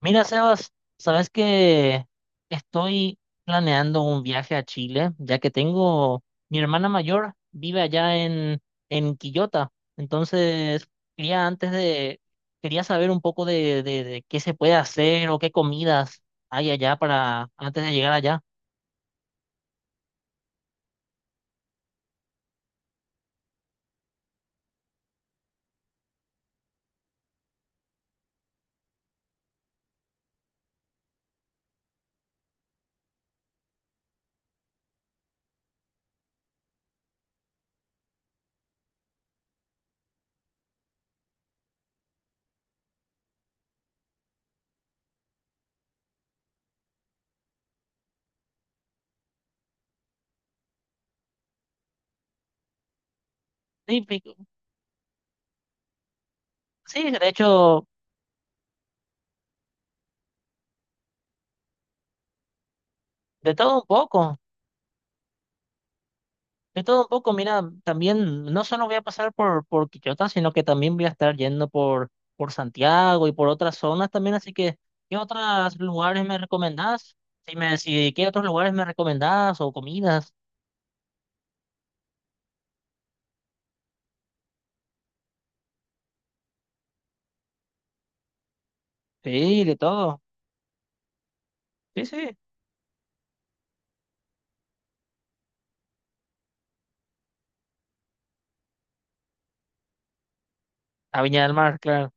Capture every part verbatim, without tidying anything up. Mira, Sebas, sabes que estoy planeando un viaje a Chile, ya que tengo mi hermana mayor vive allá en en Quillota, entonces quería antes de quería saber un poco de, de, de qué se puede hacer o qué comidas hay allá para antes de llegar allá. Sí, pi- sí, de hecho de todo un poco. De todo un poco, mira, también no solo voy a pasar por, por Quillota, sino que también voy a estar yendo por, por Santiago y por otras zonas también, así que ¿qué otros lugares me recomendás? Si me, si, ¿qué otros lugares me recomendás o comidas? Sí, de todo. Sí, sí. A Viña del Mar, claro.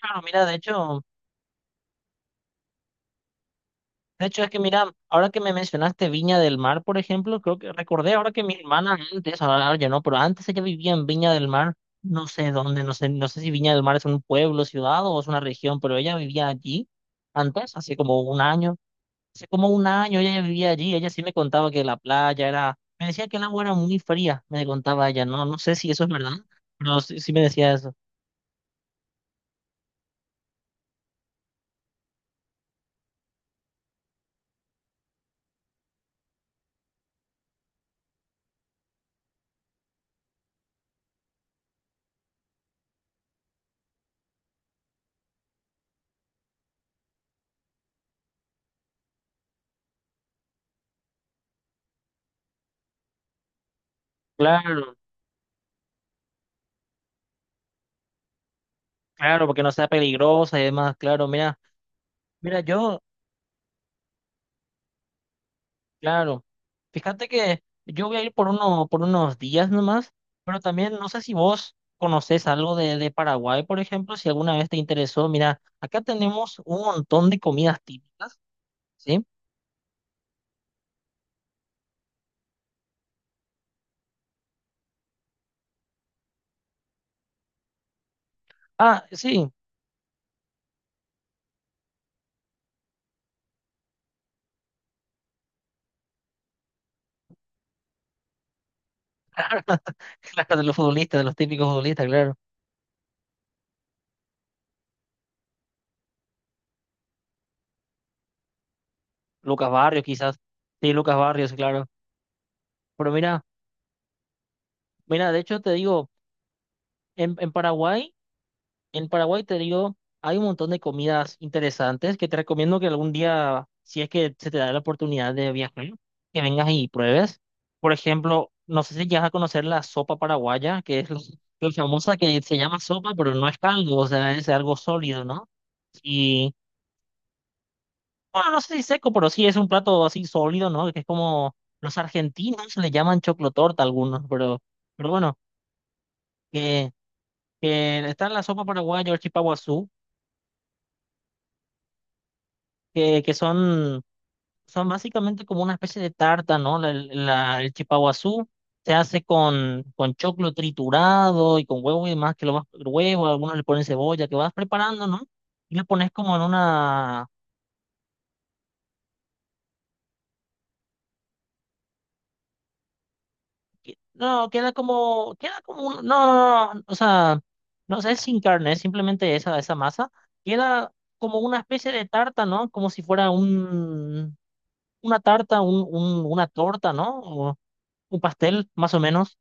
Claro, mira, de hecho. De hecho, es que mira, ahora que me mencionaste Viña del Mar, por ejemplo, creo que recordé ahora que mi hermana antes, ahora ahora ya no, pero antes ella vivía en Viña del Mar, no sé dónde, no sé, no sé si Viña del Mar es un pueblo, ciudad o es una región, pero ella vivía allí antes, hace como un año, hace como un año ella ya vivía allí, ella sí me contaba que la playa era, me decía que el agua era muy fría, me contaba ella, no, no sé si eso es verdad, pero sí, sí me decía eso. Claro, claro, porque no sea peligrosa y demás, claro, mira, mira, yo... Claro. Fíjate que yo voy a ir por uno, por unos días nomás, pero también no sé si vos conocés algo de, de Paraguay, por ejemplo, si alguna vez te interesó. Mira, acá tenemos un montón de comidas típicas, ¿sí? Ah, sí, claro, de los futbolistas, de los típicos futbolistas, claro. Lucas Barrios, quizás. Sí, Lucas Barrios, claro. Pero mira, mira, de hecho te digo, en, en Paraguay. En Paraguay, te digo, hay un montón de comidas interesantes que te recomiendo que algún día, si es que se te da la oportunidad de viajar, que vengas y pruebes. Por ejemplo, no sé si llegas a conocer la sopa paraguaya, que es lo, lo famosa que se llama sopa, pero no es caldo, o sea, es algo sólido, ¿no? Y, bueno, no sé si seco, pero sí es un plato así sólido, ¿no? Que es como los argentinos le llaman choclotorta a algunos, pero, pero bueno, que, que está la sopa paraguaya o el chipaguazú, que, que son. Son básicamente como una especie de tarta, ¿no? La- la- el chipaguazú se hace con, con choclo triturado y con huevo y demás, que lo vas, huevo, algunos le ponen cebolla, que vas preparando, ¿no? Y lo pones como en una... No, queda como, queda como un- no, no, no, o sea, no sé, es sin carne, es simplemente esa, esa masa. Queda como una especie de tarta, ¿no? Como si fuera un, una tarta, un, un- una torta, ¿no? O un pastel, más o menos.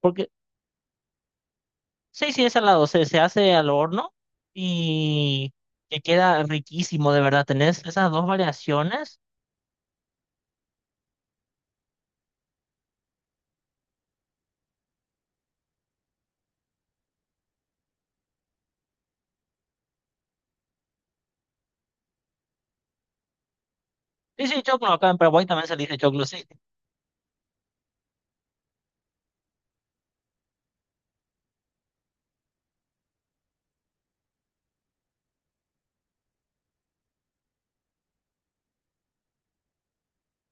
Porque sí, sí, es salado, se, se hace al horno y que queda riquísimo, de verdad. Tenés esas dos variaciones. Sí, sí, choclo, acá en Paraguay también se le dice choclo, sí.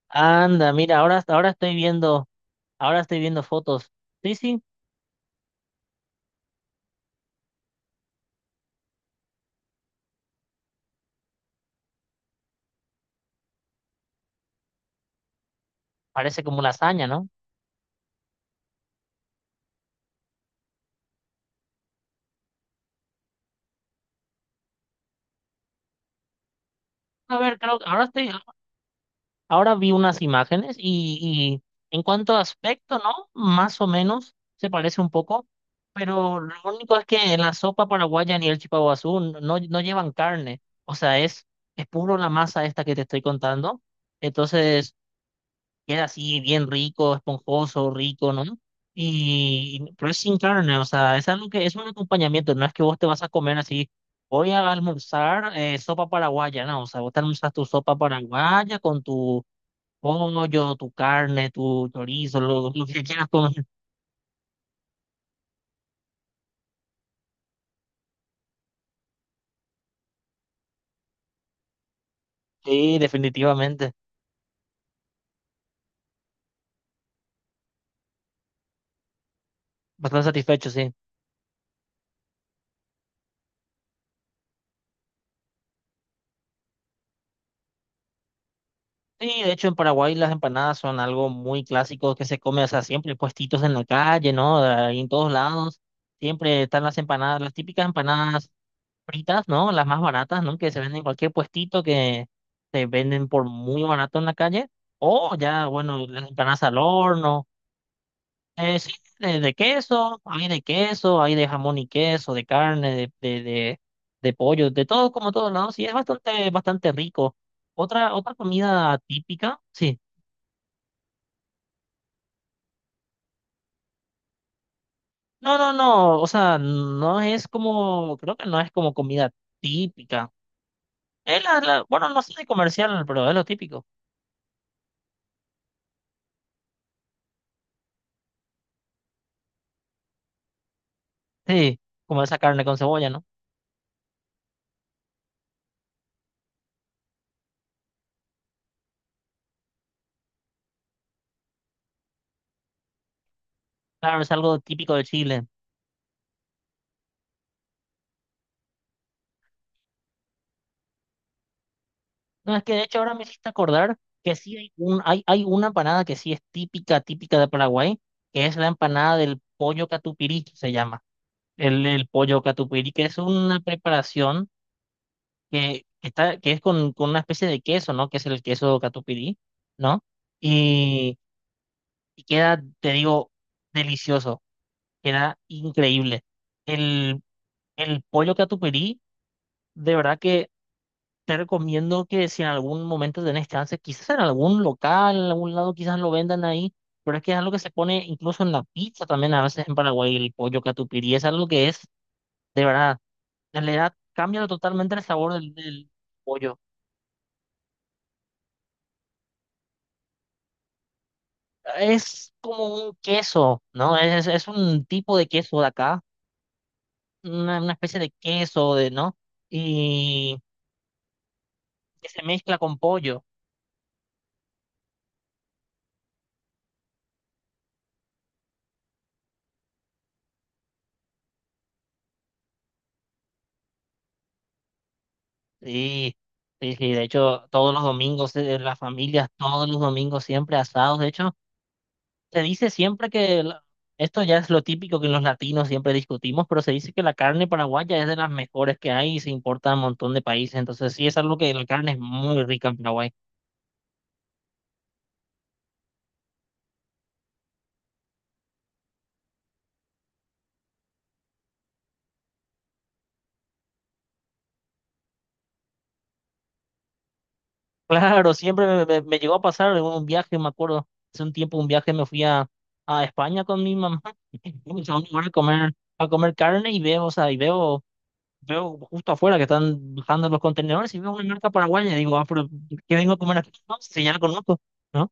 Anda, mira, ahora, hasta ahora estoy viendo, ahora estoy viendo fotos. Sí, sí, parece como lasaña, ¿no? A ver, creo que ahora estoy, ahora vi unas imágenes y, y en cuanto a aspecto, ¿no? Más o menos se parece un poco, pero lo único es que la sopa paraguaya ni el chipaguazú no, no no llevan carne, o sea, es, es puro la masa esta que te estoy contando, entonces queda así bien rico, esponjoso, rico, ¿no? Y, pero es sin carne, o sea, es algo que es un acompañamiento, no es que vos te vas a comer así. Voy a almorzar eh, sopa paraguaya, ¿no? O sea, vos te almorzas tu sopa paraguaya con tu pollo, tu carne, tu chorizo, lo, lo que quieras comer. Sí, definitivamente. Bastante satisfecho, sí. Sí, de hecho en Paraguay las empanadas son algo muy clásico que se come, o sea, siempre puestitos en la calle, ¿no? Ahí en todos lados. Siempre están las empanadas, las típicas empanadas fritas, ¿no? Las más baratas, ¿no? Que se venden en cualquier puestito que se venden por muy barato en la calle. O ya, bueno, las empanadas al horno. Eh, sí, de, de queso, hay de queso, hay de jamón y queso, de carne, de, de, de, de pollo, de todo como todos lados, sí, es bastante, bastante rico. Otra, otra comida típica, sí. No, no, no, o sea, no es como, creo que no es como comida típica. Es la, la- bueno, no sé de comercial, pero es lo típico. Sí, como esa carne con cebolla, ¿no? Claro, es algo típico de Chile. No, es que de hecho ahora me hiciste acordar que sí hay, un, hay, hay una empanada que sí es típica, típica de Paraguay, que es la empanada del pollo catupirí, se llama. El, el pollo catupirí, que es una preparación que, que está, que es con, con una especie de queso, ¿no? Que es el queso catupirí, ¿no? Y, y queda, te digo, delicioso, queda increíble. El, el pollo catupirí, de verdad. Te recomiendo que si en algún momento tenés chance, quizás en algún local, en algún lado, quizás lo vendan ahí, pero es que es algo que se pone incluso en la pizza también, a veces en Paraguay, el pollo catupiry, es algo que es, de verdad, en realidad cambia totalmente el sabor del, del pollo. Es como un queso, ¿no? Es, es un tipo de queso de acá, una, una especie de queso, de, ¿no? Y que se mezcla con pollo. Sí, sí, sí, de hecho, todos los domingos, eh, las familias, todos los domingos siempre asados. De hecho, se dice siempre que, la- esto ya es lo típico que los latinos siempre discutimos, pero se dice que la carne paraguaya es de las mejores que hay y se importa a un montón de países. Entonces, sí, es algo que la carne es muy rica en Paraguay. Claro, siempre me, me- me llegó a pasar en un viaje, me acuerdo, hace un tiempo un viaje me fui a, a España con mi mamá, y fuimos a un lugar a comer, a comer carne y veo, o sea, y veo. Veo justo afuera que están bajando los contenedores y veo una marca paraguaya y digo, ah, pero ¿qué vengo a comer aquí? No, si ya la conozco, ¿no?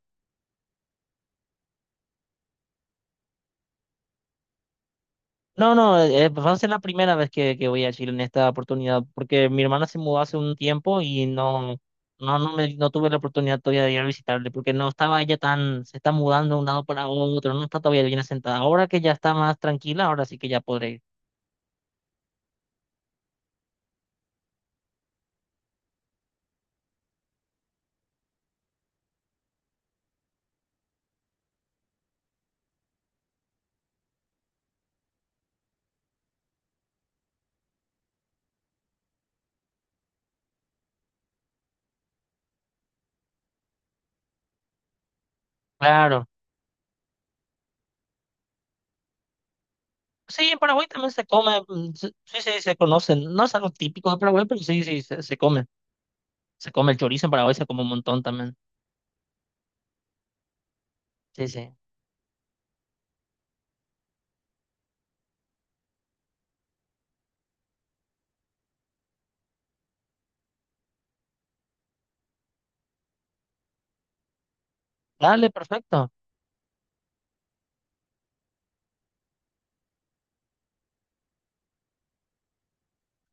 No, no, eh, eh, va a ser la primera vez que, que voy a Chile en esta oportunidad, porque mi hermana se mudó hace un tiempo y no, no, no me, no tuve la oportunidad todavía de ir a visitarle, porque no estaba ella tan, se está mudando de un lado para otro, no está todavía bien asentada. Ahora que ya está más tranquila, ahora sí que ya podré ir. Claro. Sí, en Paraguay también se come, mm, se- sí, sí, se conocen. No es algo típico de Paraguay, pero sí, sí, se, se come. Se come el chorizo en Paraguay, se come un montón también. Sí, sí. Dale, perfecto.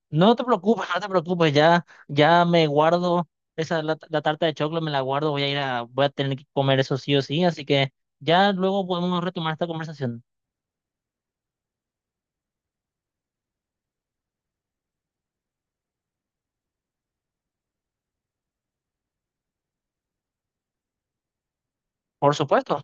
No te preocupes, no te preocupes. Ya, ya me guardo esa la, la tarta de chocolate, me la guardo. Voy a ir a, voy a tener que comer eso sí o sí. Así que ya luego podemos retomar esta conversación. Por supuesto.